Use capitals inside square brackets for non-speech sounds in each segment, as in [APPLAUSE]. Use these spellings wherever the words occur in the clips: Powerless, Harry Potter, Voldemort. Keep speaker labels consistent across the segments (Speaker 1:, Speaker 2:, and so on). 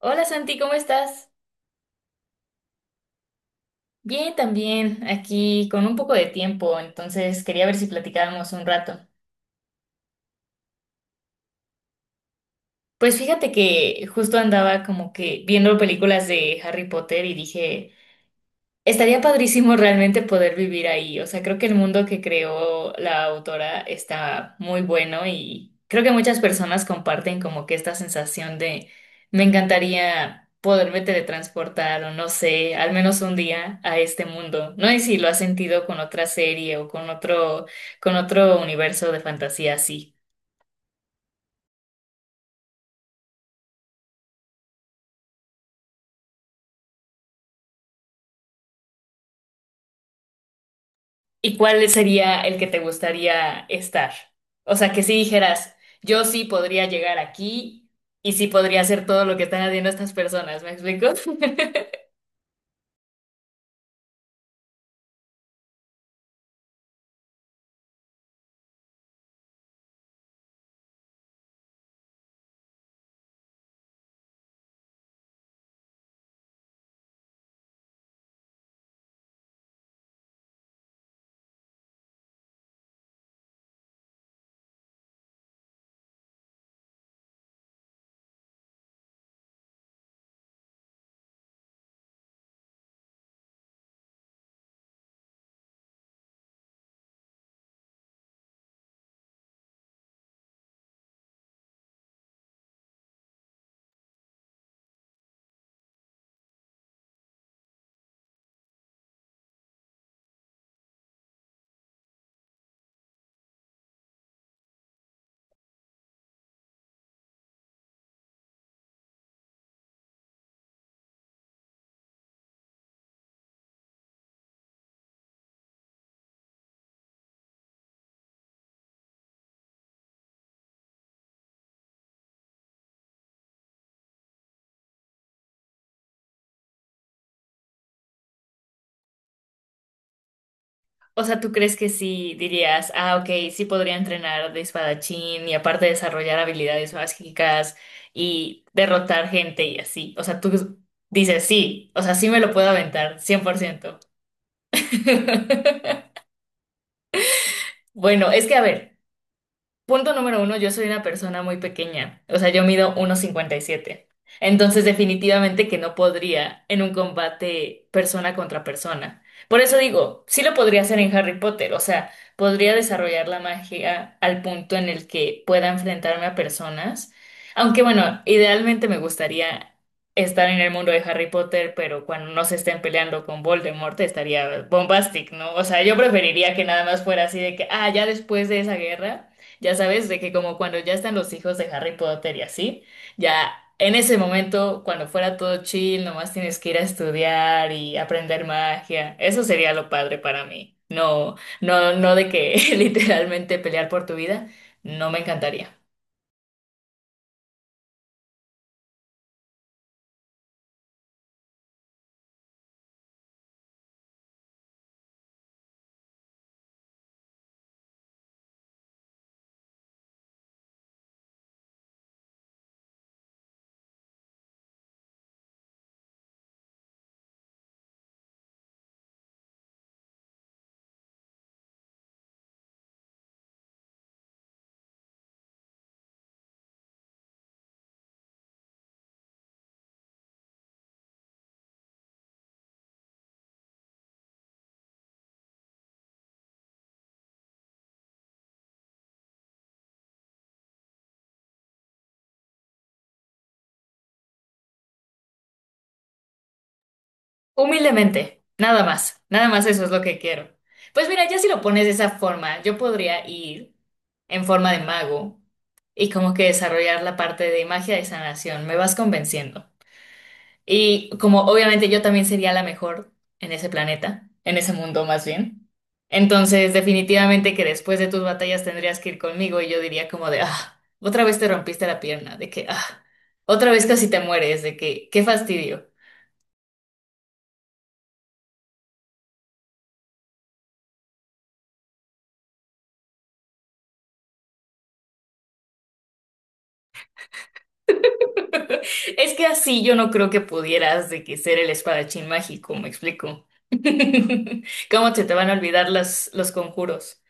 Speaker 1: Hola Santi, ¿cómo estás? Bien, también, aquí con un poco de tiempo, entonces quería ver si platicábamos un rato. Pues fíjate que justo andaba como que viendo películas de Harry Potter y dije, estaría padrísimo realmente poder vivir ahí. O sea, creo que el mundo que creó la autora está muy bueno y creo que muchas personas comparten como que esta sensación de me encantaría poderme teletransportar o no sé, al menos un día a este mundo. No sé si lo has sentido con otra serie o con otro universo de fantasía así. ¿Y cuál sería el que te gustaría estar? O sea, que si dijeras, yo sí podría llegar aquí y sí podría hacer todo lo que están haciendo estas personas, ¿me explico? [LAUGHS] O sea, ¿tú crees que sí dirías, ah, ok, sí podría entrenar de espadachín y aparte desarrollar habilidades mágicas y derrotar gente y así? O sea, tú dices, sí, o sea, sí me lo puedo aventar, 100%. [LAUGHS] Bueno, es que a ver. Punto número uno, yo soy una persona muy pequeña, o sea, yo mido 1,57. Entonces, definitivamente que no podría en un combate persona contra persona. Por eso digo, sí lo podría hacer en Harry Potter, o sea, podría desarrollar la magia al punto en el que pueda enfrentarme a personas. Aunque bueno, idealmente me gustaría estar en el mundo de Harry Potter, pero cuando no se estén peleando con Voldemort estaría bombastic, ¿no? O sea, yo preferiría que nada más fuera así de que, ah, ya después de esa guerra. Ya sabes, de que como cuando ya están los hijos de Harry Potter y así, ya en ese momento, cuando fuera todo chill, nomás tienes que ir a estudiar y aprender magia. Eso sería lo padre para mí. No, no, no de que [LAUGHS] literalmente pelear por tu vida, no me encantaría. Humildemente, nada más, nada más eso es lo que quiero. Pues mira, ya si lo pones de esa forma, yo podría ir en forma de mago y como que desarrollar la parte de magia de sanación. Me vas convenciendo. Y como obviamente yo también sería la mejor en ese planeta, en ese mundo más bien. Entonces, definitivamente que después de tus batallas tendrías que ir conmigo y yo diría como de, ah, otra vez te rompiste la pierna, de que, ah, otra vez casi te mueres, de que, qué fastidio. [LAUGHS] Es que así yo no creo que pudieras de que ser el espadachín mágico, me explico. [LAUGHS] ¿Cómo se te van a olvidar las, los conjuros?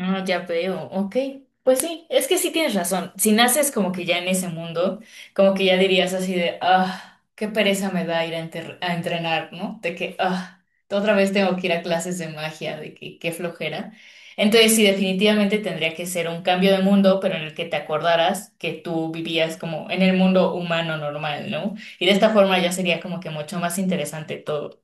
Speaker 1: Ah, ya veo, ok. Pues sí, es que sí tienes razón. Si naces como que ya en ese mundo, como que ya dirías así de, ah, qué pereza me da ir a entrenar, ¿no? De que, ah, otra vez tengo que ir a clases de magia, de que qué flojera. Entonces sí, definitivamente tendría que ser un cambio de mundo, pero en el que te acordaras que tú vivías como en el mundo humano normal, ¿no? Y de esta forma ya sería como que mucho más interesante todo.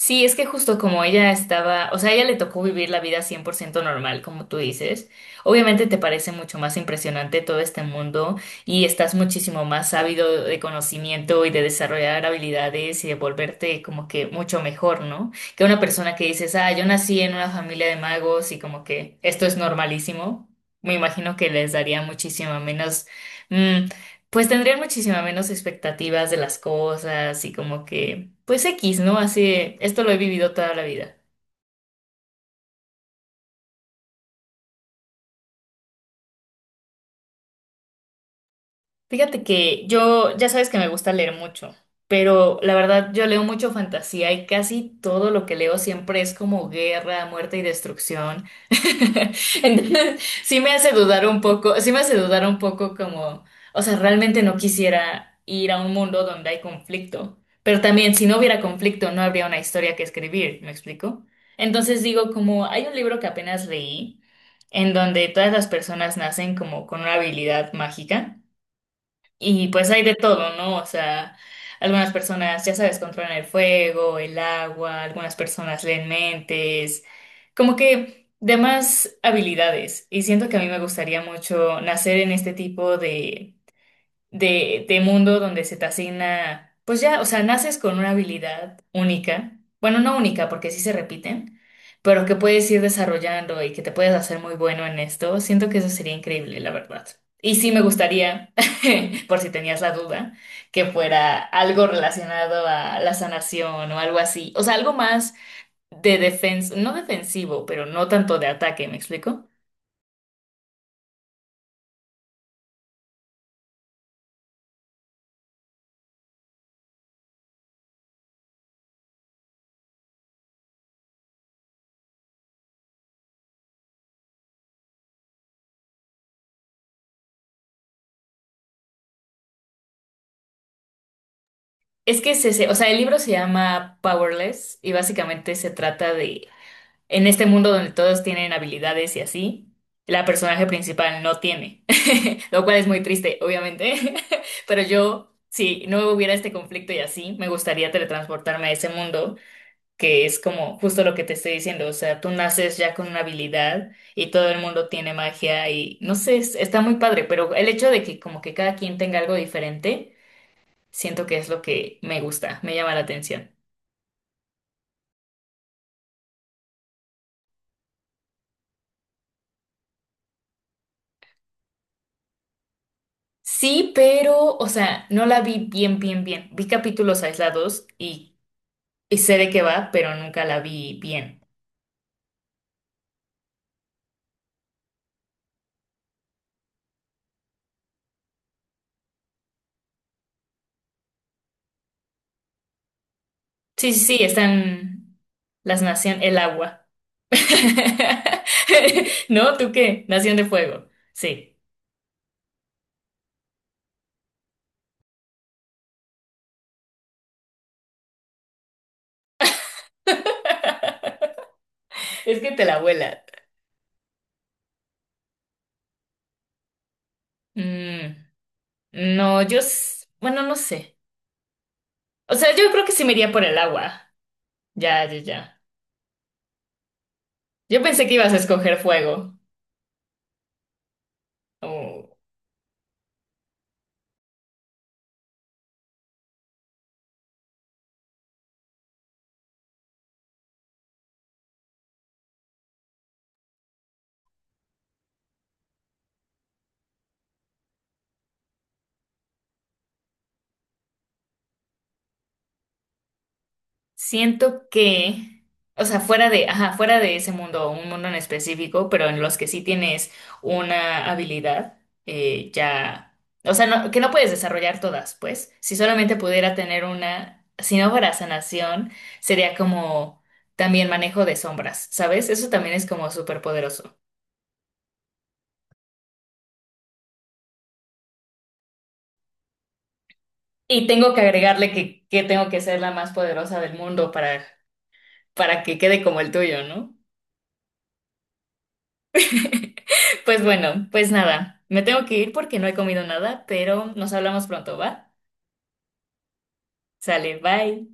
Speaker 1: Sí, es que justo como ella estaba, o sea, a ella le tocó vivir la vida 100% normal, como tú dices. Obviamente te parece mucho más impresionante todo este mundo y estás muchísimo más ávido de conocimiento y de desarrollar habilidades y de volverte como que mucho mejor, ¿no? Que una persona que dices, ah, yo nací en una familia de magos y como que esto es normalísimo. Me imagino que les daría muchísimo menos. mm, pues tendrían muchísima menos expectativas de las cosas y como que, pues X, ¿no? Así, esto lo he vivido toda la vida. Fíjate que yo, ya sabes que me gusta leer mucho, pero la verdad yo leo mucho fantasía y casi todo lo que leo siempre es como guerra, muerte y destrucción. [LAUGHS] Entonces, sí me hace dudar un poco, sí me hace dudar un poco como, o sea, realmente no quisiera ir a un mundo donde hay conflicto, pero también si no hubiera conflicto no habría una historia que escribir, ¿me explico? Entonces digo como, hay un libro que apenas leí en donde todas las personas nacen como con una habilidad mágica. Y pues hay de todo, ¿no? O sea, algunas personas, ya sabes, controlan el fuego, el agua, algunas personas leen mentes, como que de más habilidades. Y siento que a mí me gustaría mucho nacer en este tipo de mundo donde se te asigna, pues ya, o sea, naces con una habilidad única, bueno, no única porque sí se repiten, pero que puedes ir desarrollando y que te puedes hacer muy bueno en esto, siento que eso sería increíble, la verdad. Y sí me gustaría, [LAUGHS] por si tenías la duda, que fuera algo relacionado a la sanación o algo así, o sea, algo más de defensa, no defensivo, pero no tanto de ataque, ¿me explico? Es que o sea, el libro se llama Powerless y básicamente se trata de en este mundo donde todos tienen habilidades y así, la personaje principal no tiene, [LAUGHS] lo cual es muy triste, obviamente, [LAUGHS] pero yo, si no hubiera este conflicto y así, me gustaría teletransportarme a ese mundo, que es como justo lo que te estoy diciendo, o sea, tú naces ya con una habilidad y todo el mundo tiene magia y no sé, está muy padre, pero el hecho de que como que cada quien tenga algo diferente, siento que es lo que me gusta, me llama la atención. Sí, pero, o sea, no la vi bien, bien, bien. Vi capítulos aislados y sé de qué va, pero nunca la vi bien. Sí, sí, sí, están las naciones, el agua. [LAUGHS] ¿No? ¿Tú qué? Nación de Fuego. Sí. [LAUGHS] Es que te la vuelas. Mm, no, yo, bueno, no sé. O sea, yo creo que sí me iría por el agua. Ya, ya, ya. Yo pensé que ibas a escoger fuego. Oh. Siento que, o sea, fuera de, ajá, fuera de ese mundo, o un mundo en específico, pero en los que sí tienes una habilidad, ya, o sea, que no puedes desarrollar todas, pues. Si solamente pudiera tener una, si no fuera sanación, sería como también manejo de sombras, ¿sabes? Eso también es como súper poderoso. Y tengo que agregarle que tengo que ser la más poderosa del mundo para que quede como el tuyo, ¿no? Pues bueno, pues nada, me tengo que ir porque no he comido nada, pero nos hablamos pronto, ¿va? Sale, bye.